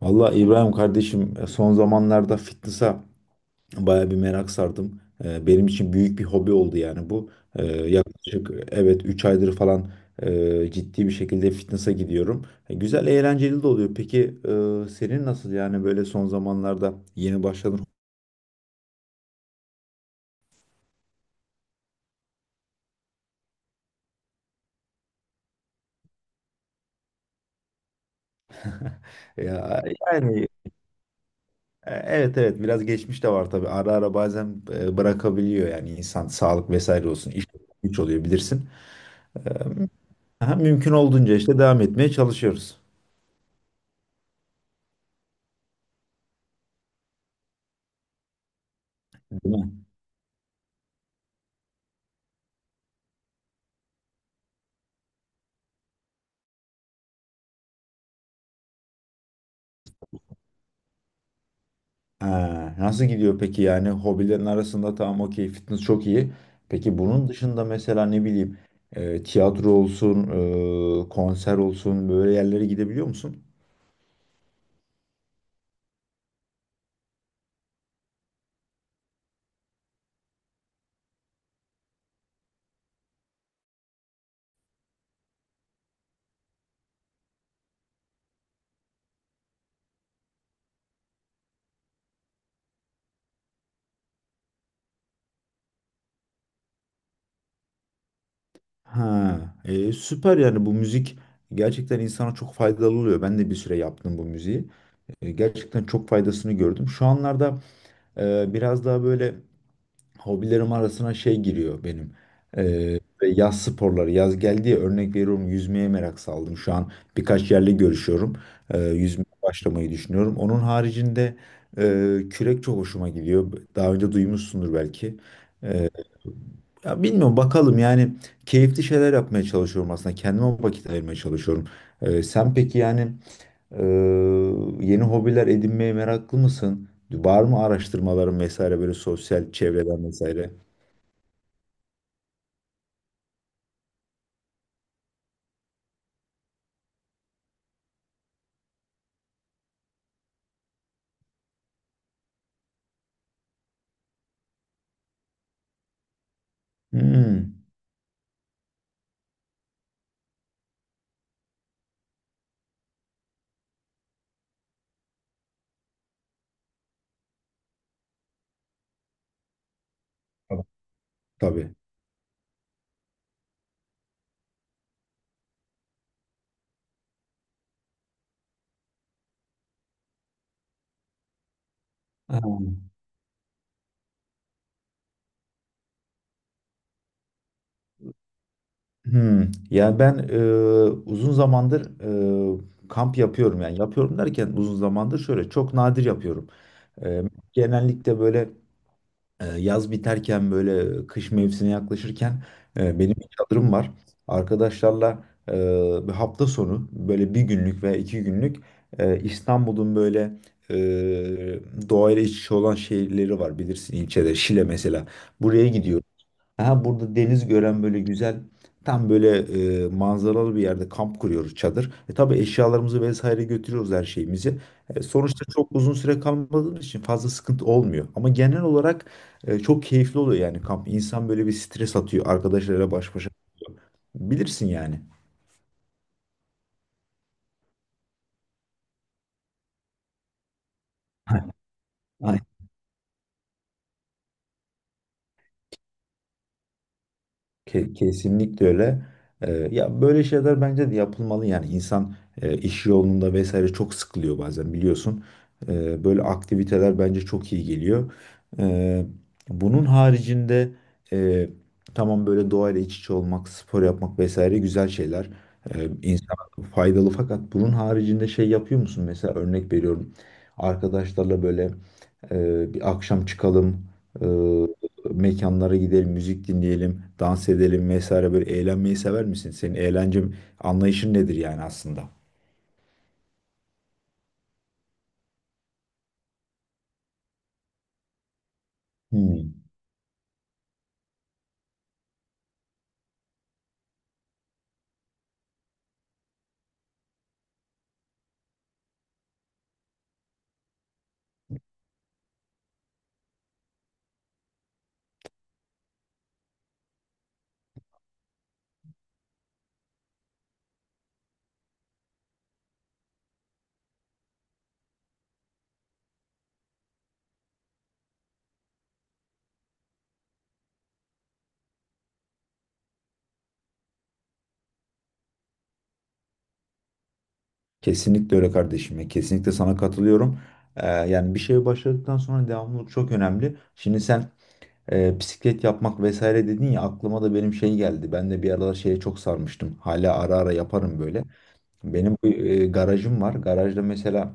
Valla İbrahim kardeşim son zamanlarda fitness'a baya bir merak sardım. Benim için büyük bir hobi oldu yani bu. Yaklaşık evet 3 aydır falan ciddi bir şekilde fitness'a gidiyorum. Güzel eğlenceli de oluyor. Peki senin nasıl yani böyle son zamanlarda yeni başladın? Ya, yani evet evet biraz geçmiş de var tabii. Ara ara bazen bırakabiliyor yani insan sağlık vesaire olsun. İş güç oluyor bilirsin. Aha, mümkün olduğunca işte devam etmeye çalışıyoruz. Değil mi? Ha, nasıl gidiyor peki yani hobilerin arasında tamam okey fitness çok iyi. Peki bunun dışında mesela ne bileyim tiyatro olsun, konser olsun böyle yerlere gidebiliyor musun? Ha, süper yani bu müzik gerçekten insana çok faydalı oluyor. Ben de bir süre yaptım bu müziği. Gerçekten çok faydasını gördüm. Şu anlarda biraz daha böyle hobilerim arasına şey giriyor benim. Ve yaz sporları. Yaz geldi ya örnek veriyorum yüzmeye merak saldım. Şu an birkaç yerle görüşüyorum. Yüzmeye başlamayı düşünüyorum. Onun haricinde kürek çok hoşuma gidiyor. Daha önce duymuşsundur belki. Ya bilmiyorum bakalım yani keyifli şeyler yapmaya çalışıyorum aslında. Kendime vakit ayırmaya çalışıyorum. Sen peki yani e, yeni hobiler edinmeye meraklı mısın? Var mı araştırmaların vesaire böyle sosyal çevreden vesaire? Hmm. Tabii. Ha. Hmm. Yani ben uzun zamandır kamp yapıyorum. Yani yapıyorum derken uzun zamandır şöyle çok nadir yapıyorum. E, Genellikle böyle yaz biterken böyle kış mevsimine yaklaşırken benim bir çadırım var. Arkadaşlarla bir hafta sonu böyle bir günlük veya iki günlük İstanbul'un böyle e, doğayla iç içe olan şehirleri var bilirsin ilçede Şile mesela. Buraya gidiyoruz. Aha burada deniz gören böyle güzel tam böyle manzaralı bir yerde kamp kuruyoruz çadır. E tabii eşyalarımızı vesaire götürüyoruz her şeyimizi. Sonuçta çok uzun süre kalmadığımız için fazla sıkıntı olmuyor. Ama genel olarak çok keyifli oluyor yani kamp. İnsan böyle bir stres atıyor arkadaşlarıyla baş başa kalıyor. Bilirsin yani. Kesinlikle öyle. Ya böyle şeyler bence de yapılmalı yani insan iş yolunda vesaire çok sıkılıyor bazen biliyorsun. Böyle aktiviteler bence çok iyi geliyor. Ee, bunun haricinde e, tamam böyle doğayla iç içe olmak, spor yapmak vesaire güzel şeyler. İnsana faydalı fakat bunun haricinde şey yapıyor musun? Mesela örnek veriyorum arkadaşlarla böyle bir akşam çıkalım mekanlara gidelim, müzik dinleyelim, dans edelim vesaire böyle eğlenmeyi sever misin? Senin eğlence anlayışın nedir yani aslında? Hmm. Kesinlikle öyle kardeşim ya. Kesinlikle sana katılıyorum. Yani bir şeye başladıktan sonra devamlılık çok önemli. Şimdi sen bisiklet yapmak vesaire dedin ya aklıma da benim şey geldi. Ben de bir aralar şeye çok sarmıştım. Hala ara ara yaparım böyle. Benim bu, garajım var. Garajda mesela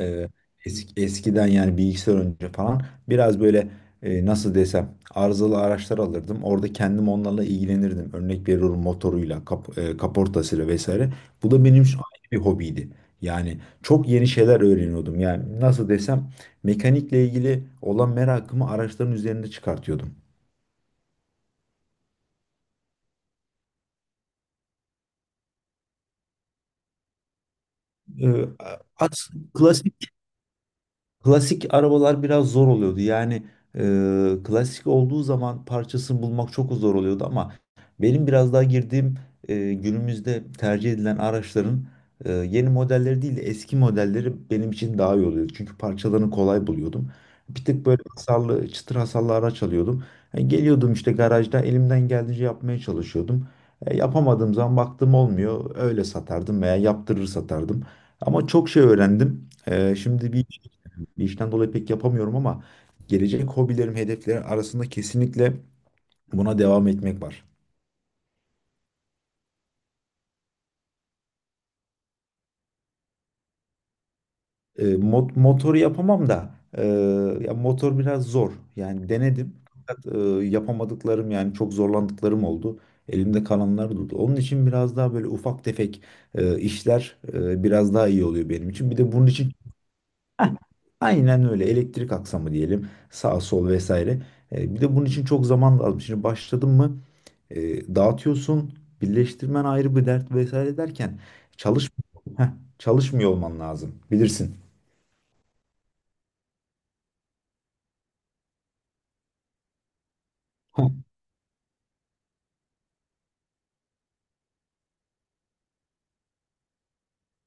e, eski, eskiden yani bilgisayar önce falan biraz böyle nasıl desem arızalı araçlar alırdım. Orada kendim onlarla ilgilenirdim. Örnek veriyorum motoruyla, kaportasıyla vesaire. Bu da benim şu ayrı bir hobiydi. Yani çok yeni şeyler öğreniyordum. Yani nasıl desem mekanikle ilgili olan merakımı araçların üzerinde çıkartıyordum. E, at, klasik. Klasik arabalar biraz zor oluyordu. Yani klasik olduğu zaman parçasını bulmak çok zor oluyordu ama benim biraz daha girdiğim günümüzde tercih edilen araçların yeni modelleri değil de eski modelleri benim için daha iyi oluyordu. Çünkü parçalarını kolay buluyordum. Bir tık böyle hasarlı, çıtır hasarlı araç alıyordum. Geliyordum işte garajda elimden geldiğince yapmaya çalışıyordum. Yapamadığım zaman baktım olmuyor. Öyle satardım veya yaptırır satardım. Ama çok şey öğrendim. Şimdi bir işten dolayı pek yapamıyorum ama gelecek hobilerim, hedeflerim arasında kesinlikle buna devam etmek var. Motoru yapamam da ya motor biraz zor. Yani denedim fakat yapamadıklarım yani çok zorlandıklarım oldu. Elimde kalanlar durdu. Onun için biraz daha böyle ufak tefek işler biraz daha iyi oluyor benim için. Bir de bunun için aynen öyle. Elektrik aksamı diyelim. Sağ sol vesaire. Bir de bunun için çok zaman lazım. Şimdi başladın mı dağıtıyorsun. Birleştirmen ayrı bir dert vesaire derken çalış Heh, çalışmıyor olman lazım. Bilirsin. Heh.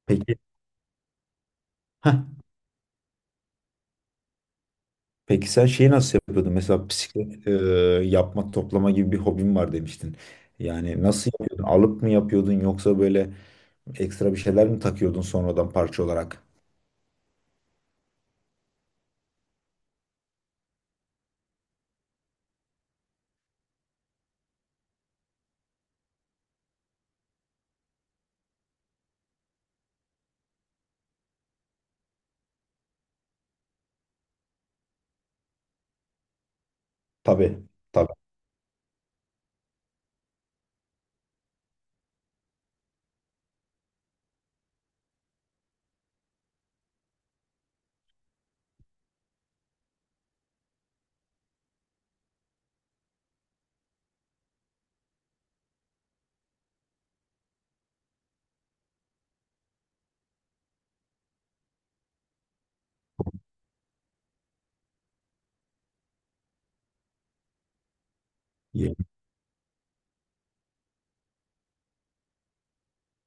Peki. Heh. Peki sen şeyi nasıl yapıyordun? Mesela bisiklet yapma, toplama gibi bir hobin var demiştin. Yani nasıl yapıyordun? Alıp mı yapıyordun yoksa böyle ekstra bir şeyler mi takıyordun sonradan parça olarak? Tabii. Tabii.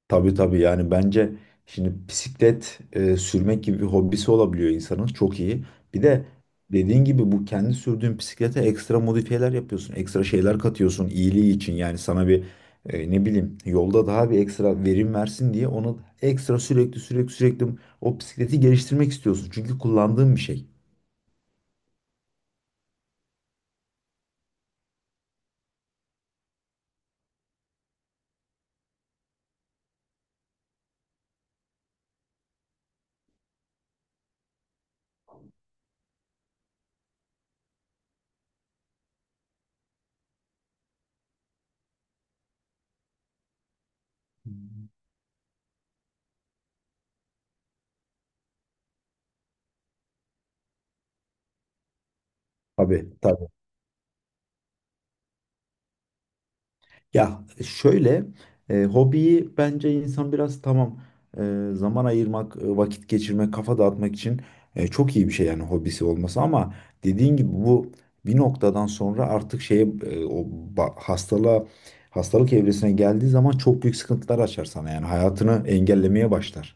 Tabii tabii yani bence şimdi bisiklet sürmek gibi bir hobisi olabiliyor insanın çok iyi. Bir de dediğin gibi bu kendi sürdüğün bisiklete ekstra modifiyeler yapıyorsun. Ekstra şeyler katıyorsun iyiliği için yani sana bir ne bileyim yolda daha bir ekstra verim versin diye onu ekstra sürekli o bisikleti geliştirmek istiyorsun. Çünkü kullandığın bir şey. Tabii tabii. Ya şöyle hobiyi bence insan biraz tamam zaman ayırmak, vakit geçirmek, kafa dağıtmak için çok iyi bir şey yani hobisi olması ama dediğin gibi bu bir noktadan sonra artık o ba- hastalığa hastalık evresine geldiği zaman çok büyük sıkıntılar açar sana yani hayatını engellemeye başlar.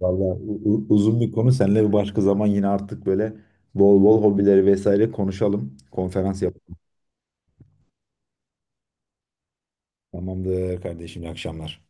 Vallahi uzun bir konu seninle bir başka zaman yine artık böyle bol bol hobileri vesaire konuşalım. Konferans yapalım. Tamamdır kardeşim, iyi akşamlar.